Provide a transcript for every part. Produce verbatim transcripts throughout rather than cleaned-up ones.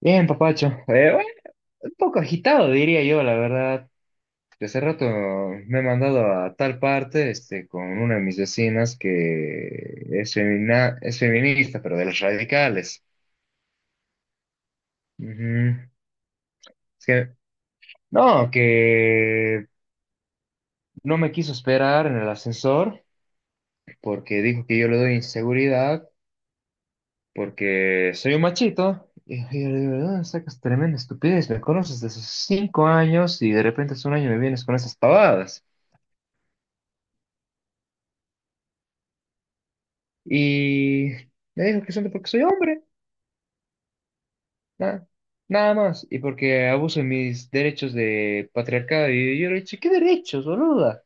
Bien, papacho. Eh, bueno, un poco agitado, diría yo, la verdad. Hace rato me he mandado a tal parte, este, con una de mis vecinas que es femina, es feminista, pero de los radicales. Ujú. Es que, no, que no me quiso esperar en el ascensor porque dijo que yo le doy inseguridad porque soy un machito. Y yo le digo: "¿De dónde sacas tremenda estupidez? Me conoces desde sus cinco años y de repente hace un año me vienes con esas pavadas". Y me dijo que solo porque soy hombre, nada, nada más. Y porque abuso de mis derechos de patriarcado. Y yo le dije: ¿qué derechos, boluda?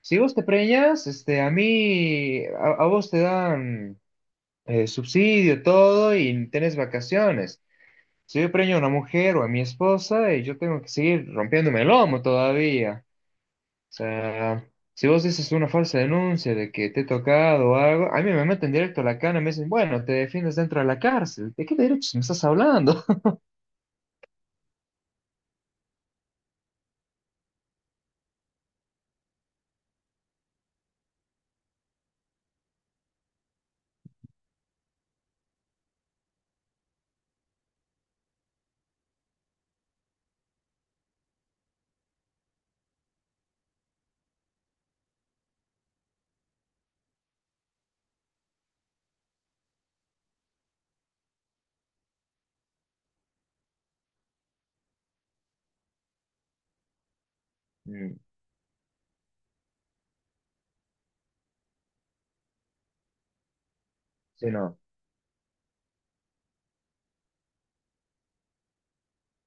Si vos te preñas, este, a mí, a, a vos te dan eh, subsidio, todo, y tenés vacaciones. Si yo preño a una mujer o a mi esposa, eh, yo tengo que seguir rompiéndome el lomo todavía. Sea, si vos dices una falsa denuncia de que te he tocado o algo, a mí me meten directo a la cana y me dicen: bueno, te defiendes dentro de la cárcel. ¿De qué derechos me estás hablando? Mm, sí, no.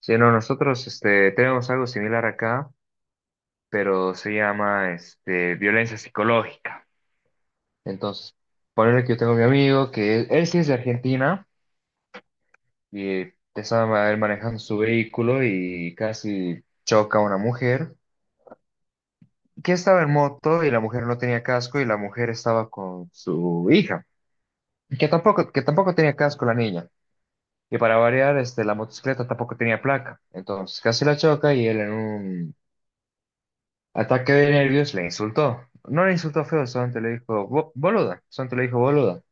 Sí, no, nosotros este, tenemos algo similar acá, pero se llama este, violencia psicológica. Entonces, ponerle que yo tengo a mi amigo, que él, él sí es de Argentina, y estaba él manejando su vehículo y casi choca a una mujer que estaba en moto, y la mujer no tenía casco, y la mujer estaba con su hija, que tampoco, que tampoco tenía casco la niña. Y para variar, este, la motocicleta tampoco tenía placa. Entonces casi la choca, y él en un ataque de nervios le insultó. No le insultó feo, solamente le dijo "Bo- "boluda", solamente le dijo boluda.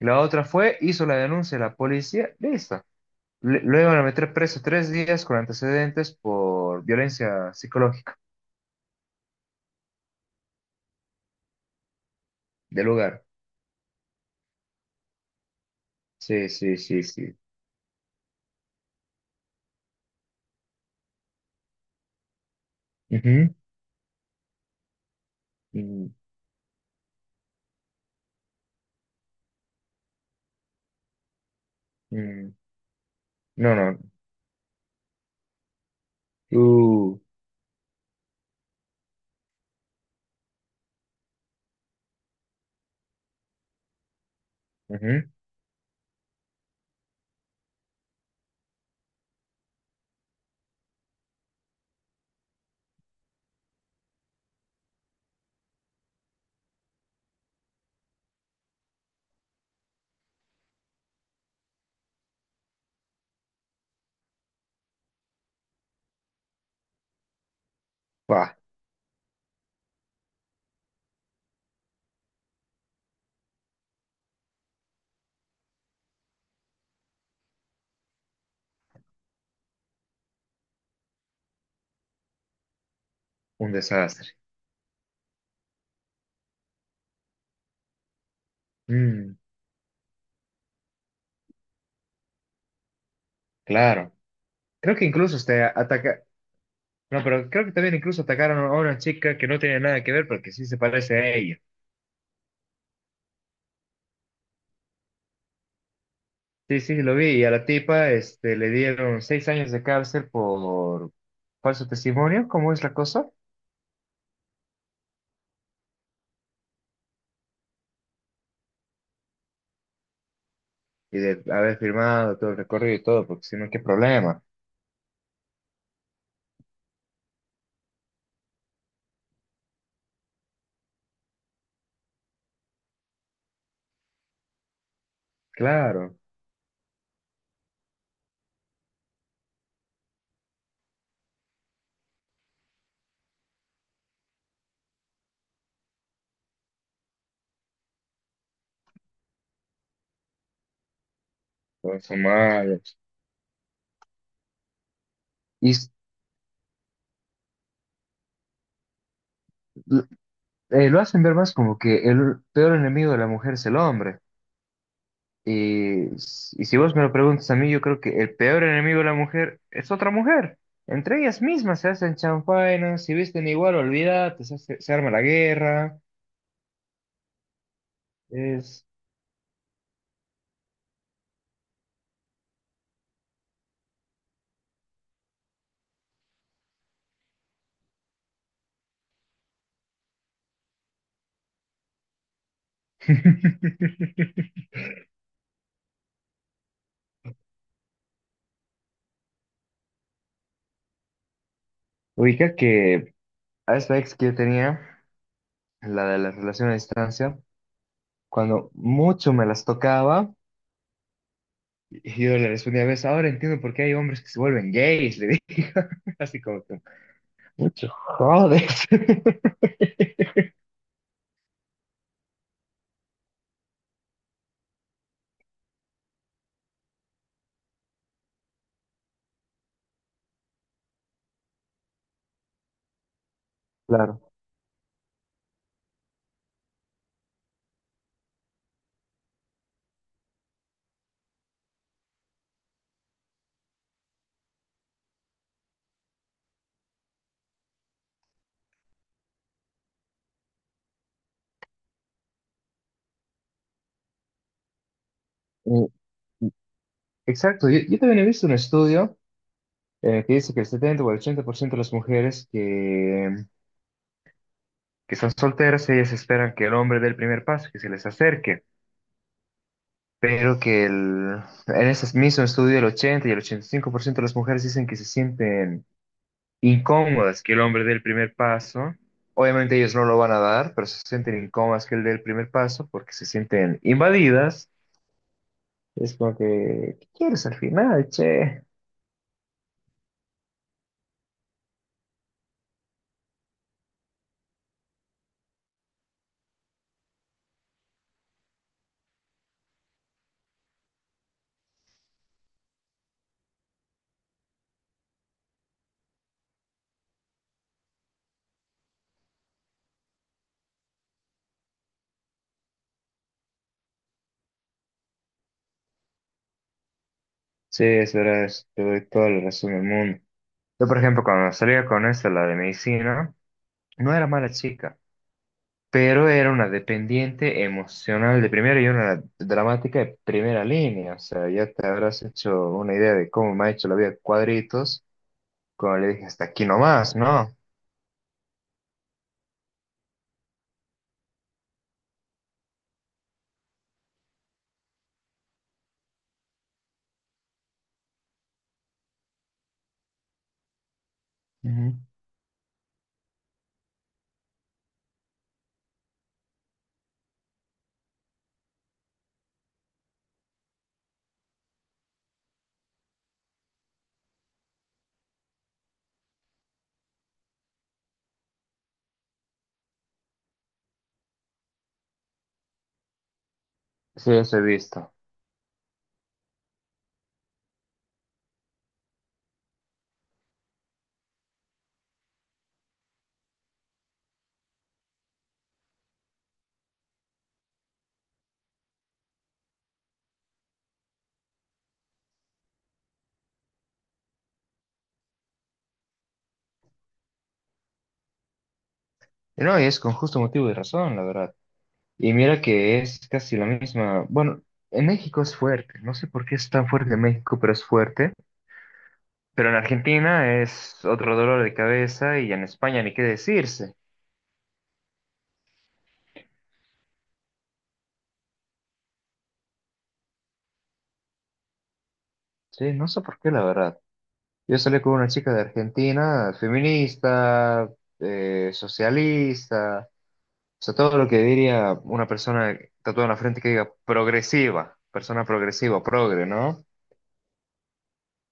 Y la otra fue, hizo la denuncia a la policía, listo. Le, lo iban a meter preso tres días con antecedentes por violencia psicológica del lugar. Sí, sí, sí, sí. Ujú. Mm. Mm. No, no. Uh, ujú. Buah, un desastre. Mm, claro. Creo que incluso usted ataca. No, pero creo que también incluso atacaron a una chica que no tenía nada que ver porque sí se parece a ella. Sí, sí, lo vi. Y a la tipa, este, le dieron seis años de cárcel por falso testimonio. ¿Cómo es la cosa? Y de haber firmado todo el recorrido y todo, porque si no, qué problema. Claro, todos son malos. Y s- l- eh, lo hacen ver más como que el peor enemigo de la mujer es el hombre. Y, s- y si vos me lo preguntas a mí, yo creo que el peor enemigo de la mujer es otra mujer. Entre ellas mismas se hacen chanfainas; si visten igual, olvídate, se, hace- se arma la guerra. Es... Ubica que a esta ex que yo tenía, la de la relación a distancia, cuando mucho me las tocaba, y yo le respondía a veces: ahora entiendo por qué hay hombres que se vuelven gays, le dije, así como que, mucho jodes. Claro. Exacto, yo, yo también he visto un estudio eh, que dice que el setenta o el ochenta por ciento de las mujeres que, que son solteras, ellas esperan que el hombre dé el primer paso, que se les acerque, pero que el, en ese mismo estudio el ochenta y el ochenta y cinco por ciento de las mujeres dicen que se sienten incómodas que el hombre dé el primer paso. Obviamente ellos no lo van a dar, pero se sienten incómodas que él dé el primer paso porque se sienten invadidas. Es como que, ¿qué quieres al final? Che, sí, es verdad, es- te doy toda la razón del mundo. Yo, por ejemplo, cuando salía con esta, la de medicina, no era mala chica, pero era una dependiente emocional de primera y una dramática de primera línea. O sea, ya te habrás hecho una idea de cómo me ha hecho la vida cuadritos cuando le dije hasta aquí nomás, ¿no? Ujú. Sí, eso he visto. Y no, y es con justo motivo y razón, la verdad. Y mira que es casi la misma. Bueno, en México es fuerte. No sé por qué es tan fuerte en México, pero es fuerte. Pero en Argentina es otro dolor de cabeza, y en España ni qué decirse. Sí, no sé por qué, la verdad. Yo salí con una chica de Argentina, feminista, eh, socialista, o sea, todo lo que diría una persona tatuada en la frente que diga progresiva, persona progresiva, progre, ¿no?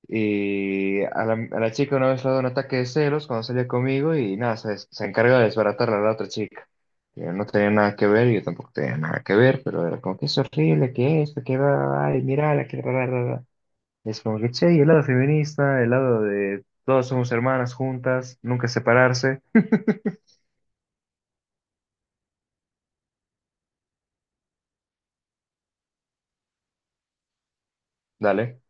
Y a la, a la chica una vez le ha dado un ataque de celos cuando salía conmigo, y nada, se, se encarga de desbaratarla a la otra chica. Yo no tenía nada que ver, yo tampoco tenía nada que ver, pero era como que "es horrible, que esto, que va, ay, mira, la que bla, bla, bla, bla". Es como que, che, y el lado feminista, el lado de todas somos hermanas juntas, nunca separarse, dale,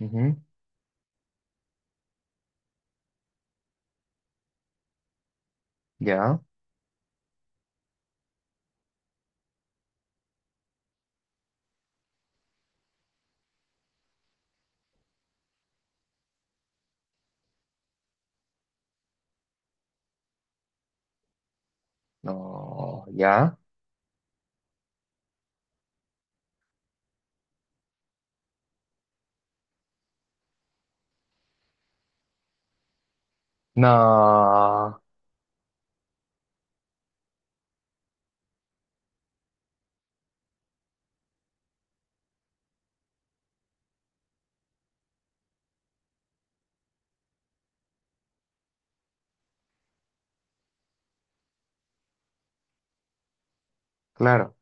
ujú, ya, no, ya, no, claro,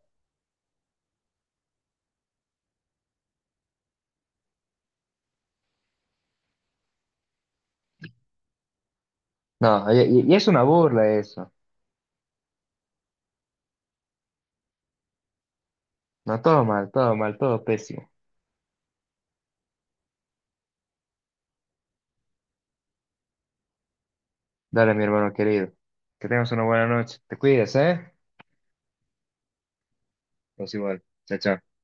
no, y, y- y es una burla eso, no, todo mal, todo mal, todo pésimo. Dale, mi hermano querido. Que tengas una buena noche. Te cuidas, ¿eh? Pues igual. Chao, chao.